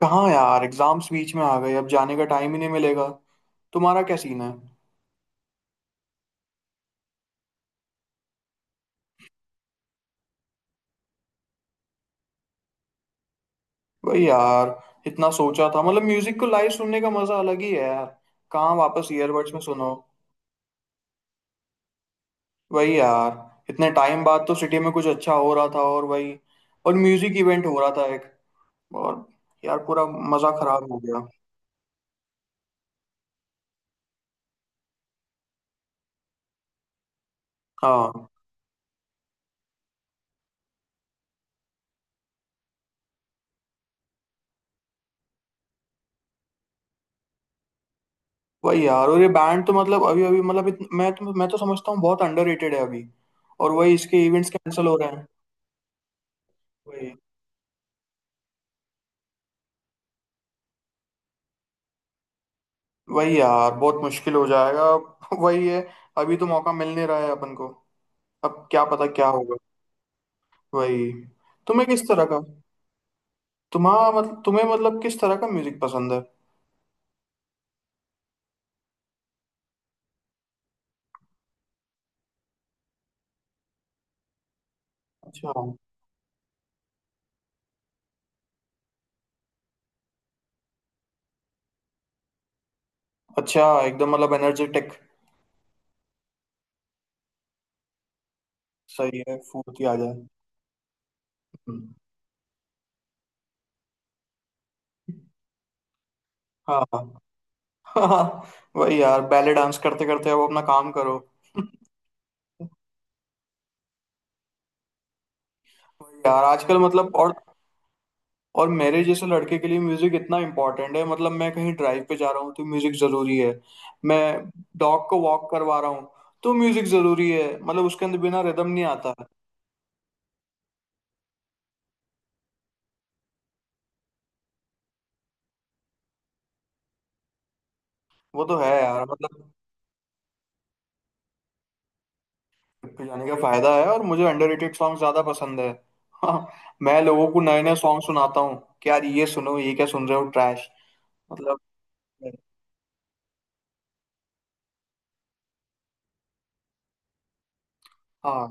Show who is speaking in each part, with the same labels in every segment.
Speaker 1: कहाँ यार एग्जाम्स बीच में आ गए अब जाने का टाइम ही नहीं मिलेगा। तुम्हारा क्या सीन है। भाई यार इतना सोचा था मतलब म्यूजिक को लाइव सुनने का मजा अलग ही है यार। कहाँ वापस ईयरबड्स में सुनो। वही यार इतने टाइम बाद तो सिटी में कुछ अच्छा हो रहा था और वही और म्यूजिक इवेंट हो रहा था एक और यार पूरा मजा खराब हो गया। हाँ। वही यार और ये बैंड तो मतलब अभी अभी मतलब मैं तो समझता हूँ बहुत अंडररेटेड है अभी। और वही इसके इवेंट्स कैंसिल हो रहे हैं। वही यार बहुत मुश्किल हो जाएगा वही है। अभी तो मौका मिल नहीं रहा है अपन को। अब क्या पता क्या होगा। वही। तुम्हें किस तरह का तुम्हारा मतलब तुम्हें मतलब किस तरह का म्यूजिक पसंद है। अच्छा। अच्छा एकदम मतलब एनर्जेटिक। सही है फुर्ती आ जाए। हम्म। हाँ। हाँ वही यार बैले डांस करते करते अब अपना काम करो। वही यार आजकल मतलब और। और मेरे जैसे लड़के के लिए म्यूजिक इतना इम्पोर्टेंट है मतलब मैं कहीं ड्राइव पे जा रहा हूँ तो म्यूजिक जरूरी है। मैं डॉग को वॉक करवा रहा हूँ तो म्यूजिक जरूरी है मतलब उसके अंदर बिना रिदम नहीं आता। वो तो है यार मतलब। ट्रिप पे जाने का फायदा है और मुझे अंडररेटेड सॉन्ग ज्यादा पसंद है हाँ। मैं लोगों को नए नए सॉन्ग सुनाता हूँ कि यार ये सुनो ये क्या सुन रहे हो ट्रैश। मतलब। हाँ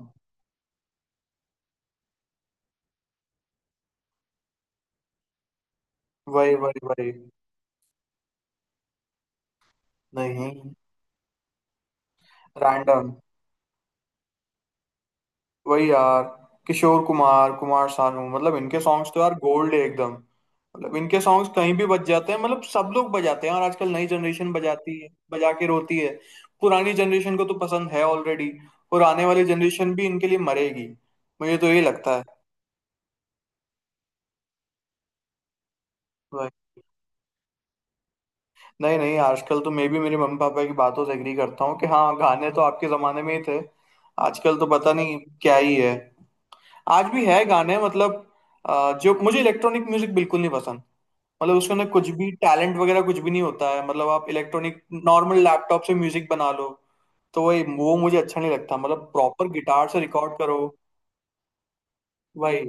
Speaker 1: वही वही वही। नहीं। रैंडम। वही यार किशोर कुमार कुमार सानू मतलब इनके सॉन्ग्स तो यार गोल्ड है एकदम मतलब इनके सॉन्ग्स कहीं भी बज जाते हैं मतलब सब लोग बजाते हैं और आजकल नई जनरेशन बजाती है बजा के रोती है। पुरानी जनरेशन को तो पसंद है ऑलरेडी। और आने वाली जनरेशन भी इनके लिए मरेगी। मुझे तो ये लगता है। वही। नहीं नहीं आजकल तो मैं भी मेरे मम्मी पापा की बातों से एग्री करता हूँ कि हाँ गाने तो आपके जमाने में ही थे। आजकल तो पता नहीं क्या ही है। आज भी है गाने मतलब। जो मुझे इलेक्ट्रॉनिक म्यूजिक बिल्कुल नहीं पसंद। मतलब उसके अंदर कुछ भी टैलेंट वगैरह कुछ भी नहीं होता है मतलब आप इलेक्ट्रॉनिक नॉर्मल लैपटॉप से म्यूजिक बना लो। तो वही वो मुझे अच्छा नहीं लगता मतलब प्रॉपर गिटार से रिकॉर्ड करो। भाई।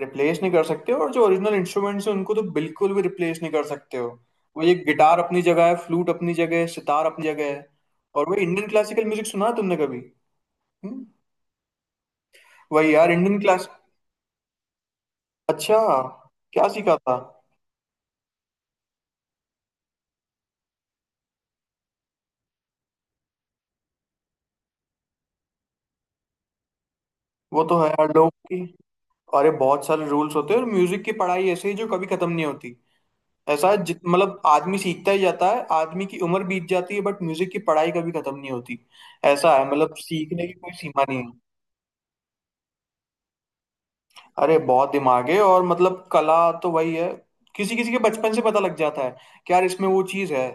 Speaker 1: रिप्लेस नहीं कर सकते और जो ओरिजिनल इंस्ट्रूमेंट्स हैं उनको तो बिल्कुल भी रिप्लेस नहीं कर सकते हो। वो ये गिटार अपनी जगह है फ्लूट अपनी जगह है सितार अपनी जगह है। और वही इंडियन क्लासिकल म्यूजिक सुना है तुमने कभी। हम्म? वही यार इंडियन क्लास। अच्छा। क्या सीखा था। वो तो है यार लोग की। अरे बहुत सारे रूल्स होते हैं और म्यूजिक की पढ़ाई ऐसे ही जो कभी खत्म नहीं होती। ऐसा जित मतलब आदमी सीखता ही जाता है आदमी की उम्र बीत जाती है बट म्यूजिक की पढ़ाई कभी खत्म नहीं होती। ऐसा है मतलब सीखने की कोई सीमा नहीं है। अरे बहुत दिमाग है और मतलब कला तो वही है। किसी किसी के बचपन से पता लग जाता है कि यार इसमें वो चीज है।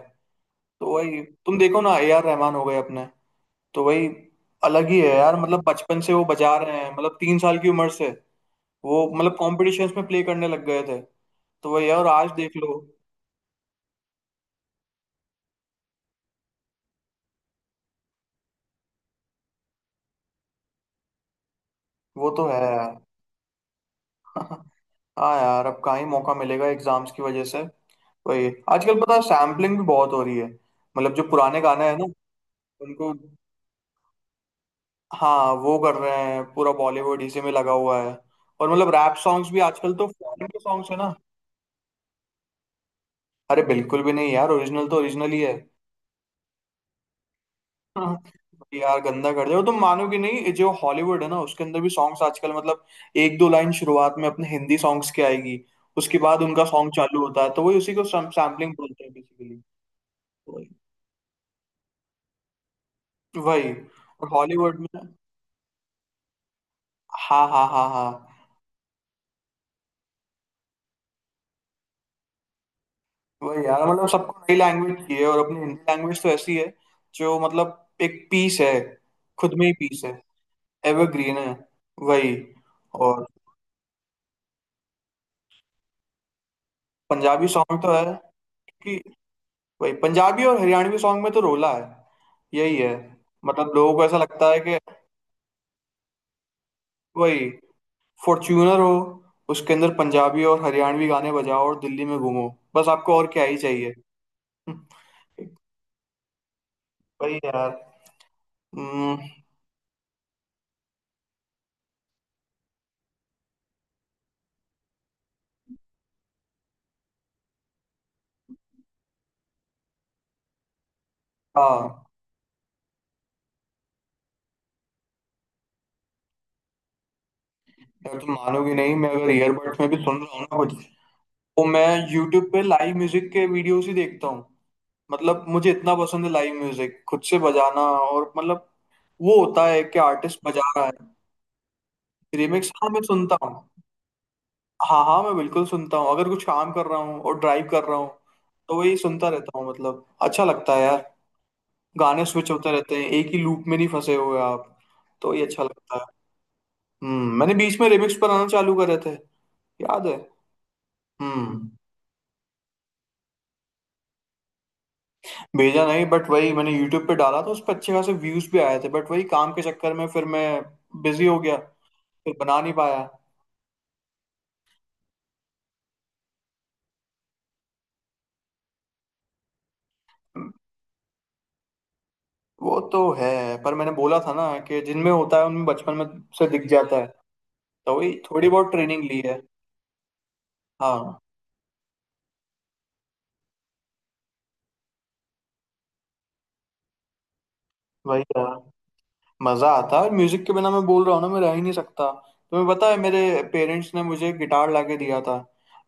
Speaker 1: तो वही तुम देखो ना ए आर रहमान हो गए अपने। तो वही। अलग ही है यार मतलब बचपन से वो बजा रहे हैं मतलब 3 साल की उम्र से। वो मतलब कॉम्पिटिशन्स में प्ले करने लग गए थे। तो वही है, और आज देख लो। वो तो है यार। हाँ यार अब कहाँ ही मौका मिलेगा एग्जाम्स की वजह से। वही। आजकल पता है सैम्पलिंग भी बहुत हो रही है। मतलब जो पुराने गाने हैं ना उनको। हाँ वो कर रहे हैं पूरा बॉलीवुड इसी में लगा हुआ है। और मतलब रैप सॉन्ग्स भी आजकल तो फॉरेन के सॉन्ग्स है ना। अरे बिल्कुल भी नहीं यार ओरिजिनल तो ओरिजिनल ही है हाँ। यार गंदा कर दिया और तुम मानोगे नहीं जो हॉलीवुड है ना उसके अंदर भी सॉन्ग्स आजकल मतलब एक दो लाइन शुरुआत में अपने हिंदी सॉन्ग्स की आएगी। उसके बाद उनका सॉन्ग चालू होता है तो वही उसी को सैम्पलिंग बोलते हैं बेसिकली। वही और हॉलीवुड में। हाँ हाँ हाँ हाँ। वही यार मतलब सबको नई लैंग्वेज चाहिए और अपनी हिंदी लैंग्वेज तो ऐसी है जो मतलब एक पीस है। खुद में ही पीस है। एवरग्रीन है। वही और पंजाबी सॉन्ग तो है कि वही पंजाबी और हरियाणवी सॉन्ग में तो रोला है। यही है मतलब लोगों को ऐसा लगता है कि वही। फॉर्च्यूनर हो उसके अंदर पंजाबी और हरियाणवी गाने बजाओ और दिल्ली में घूमो। बस आपको और क्या ही चाहिए। वही यार। हम्म। हाँ यार तुम मानोगे नहीं मैं अगर ईयरबड्स में भी सुन रहा हूँ ना कुछ तो मैं यूट्यूब पे लाइव म्यूजिक के वीडियोस ही देखता हूँ। मतलब मुझे इतना पसंद है लाइव म्यूजिक खुद से बजाना और मतलब। वो होता है कि आर्टिस्ट बजा रहा है। रिमिक्स हाँ मैं सुनता हूँ। हाँ हाँ मैं बिल्कुल सुनता हूँ अगर कुछ काम कर रहा हूँ और ड्राइव कर रहा हूँ। तो वही सुनता रहता हूँ मतलब अच्छा लगता है यार। गाने स्विच होते रहते हैं एक ही लूप में नहीं फंसे हुए आप। तो ये अच्छा लगता है। मैंने बीच में रिमिक्स पर आना चालू करे थे। याद है। हम्म। भेजा नहीं बट वही मैंने यूट्यूब पे डाला तो उस पर अच्छे खासे व्यूज भी आए थे बट वही काम के चक्कर में फिर मैं बिजी हो गया। फिर बना नहीं पाया। वो तो है पर मैंने बोला था ना कि जिनमें होता है उनमें बचपन में से दिख जाता है। तो वही थोड़ी बहुत ट्रेनिंग ली है। हाँ वही यार मजा आता है और म्यूजिक के बिना मैं बोल रहा हूँ ना मैं रह ही नहीं सकता। तुम्हें पता है मेरे पेरेंट्स ने मुझे गिटार लाके दिया था।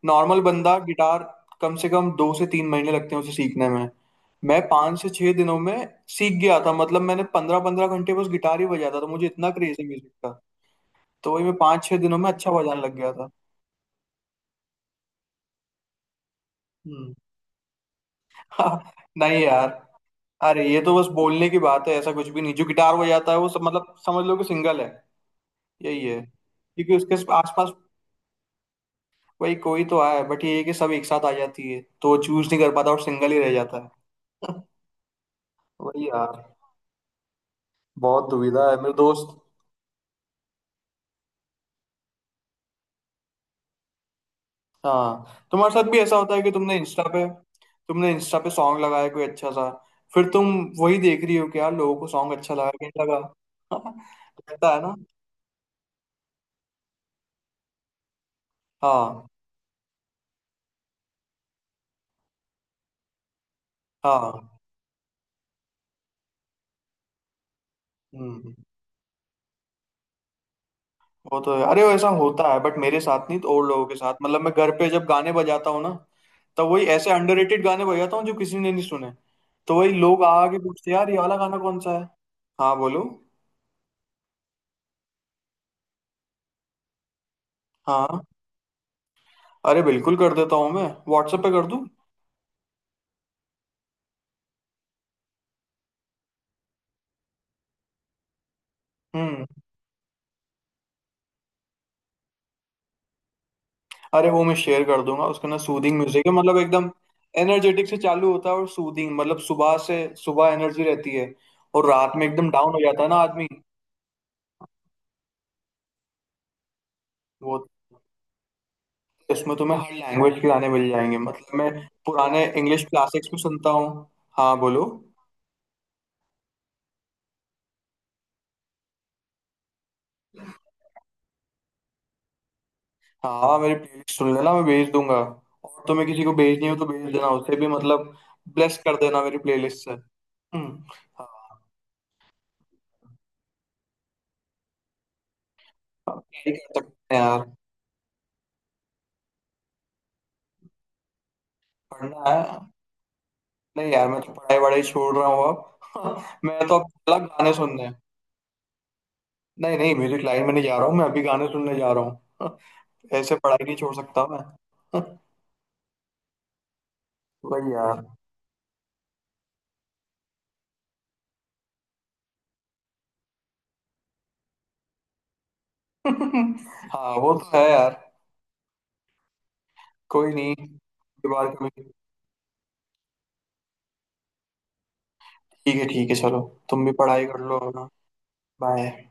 Speaker 1: नॉर्मल बंदा गिटार कम से कम 2 से 3 महीने लगते हैं उसे सीखने में। मैं 5 से 6 दिनों में सीख गया था मतलब मैंने 15 15 घंटे बस गिटार ही बजाता था तो मुझे इतना क्रेज है म्यूजिक का। तो वही मैं 5 6 दिनों में अच्छा बजाने लग गया था। हम्म। नहीं यार अरे ये तो बस बोलने की बात है ऐसा कुछ भी नहीं जो गिटार बजाता है वो सब मतलब समझ लो कि सिंगल है यही है क्योंकि उसके आसपास। वही कोई तो है बट ये है कि सब एक साथ आ जाती है तो चूज नहीं कर पाता और सिंगल ही रह जाता है। वही यार बहुत दुविधा है मेरे दोस्त। हाँ तुम्हारे साथ भी ऐसा होता है कि तुमने इंस्टा पे सॉन्ग लगाया कोई अच्छा सा। फिर तुम वही देख रही हो कि यार लोगों को सॉन्ग अच्छा लगा कि नहीं लगा रहता है ना। हाँ। हाँ। हम्म। वो तो है अरे वो ऐसा होता है बट मेरे साथ नहीं तो और लोगों के साथ मतलब मैं घर पे जब गाने बजाता हूँ ना। तब वही ऐसे अंडररेटेड गाने बजाता हूँ जो किसी ने नहीं सुने। तो वही लोग आके पूछते हैं, यार ये वाला गाना कौन सा है। हाँ बोलो। हाँ। अरे बिल्कुल कर देता हूँ मैं व्हाट्सएप पे कर दूँ। हम्म। अरे वो मैं शेयर कर दूंगा उसका ना सूदिंग म्यूजिक है मतलब एकदम। एनर्जेटिक से चालू होता है और सूदिंग मतलब सुबह से सुबह एनर्जी रहती है। और रात में एकदम डाउन हो जाता है ना आदमी। वो इसमें तुम्हें हर लैंग्वेज के गाने मिल जाएंगे मतलब मैं पुराने इंग्लिश क्लासिक्स भी सुनता हूँ। हाँ बोलो। हाँ। मेरी प्लेलिस्ट सुन लेना मैं भेज दूंगा। और तुम्हें किसी को भेजनी हो तो भेज देना उसे भी मतलब। ब्लेस कर देना मेरी प्लेलिस्ट से। हम्म। हाँ। ट्राई कर सकते हैं यार। पढ़ना है। नहीं यार मैं तो पढ़ाई वढ़ाई छोड़ रहा हूँ अब मैं तो अब अलग गाने सुनने हैं। नहीं नहीं म्यूजिक लाइन में नहीं जा रहा हूँ मैं अभी गाने सुनने जा रहा हूँ। ऐसे पढ़ाई नहीं छोड़ सकता मैं। वही यार। हाँ वो तो है यार। कोई नहीं अगली बार कभी। ठीक है ठीक है चलो। तुम भी पढ़ाई कर लो अपना। बाय।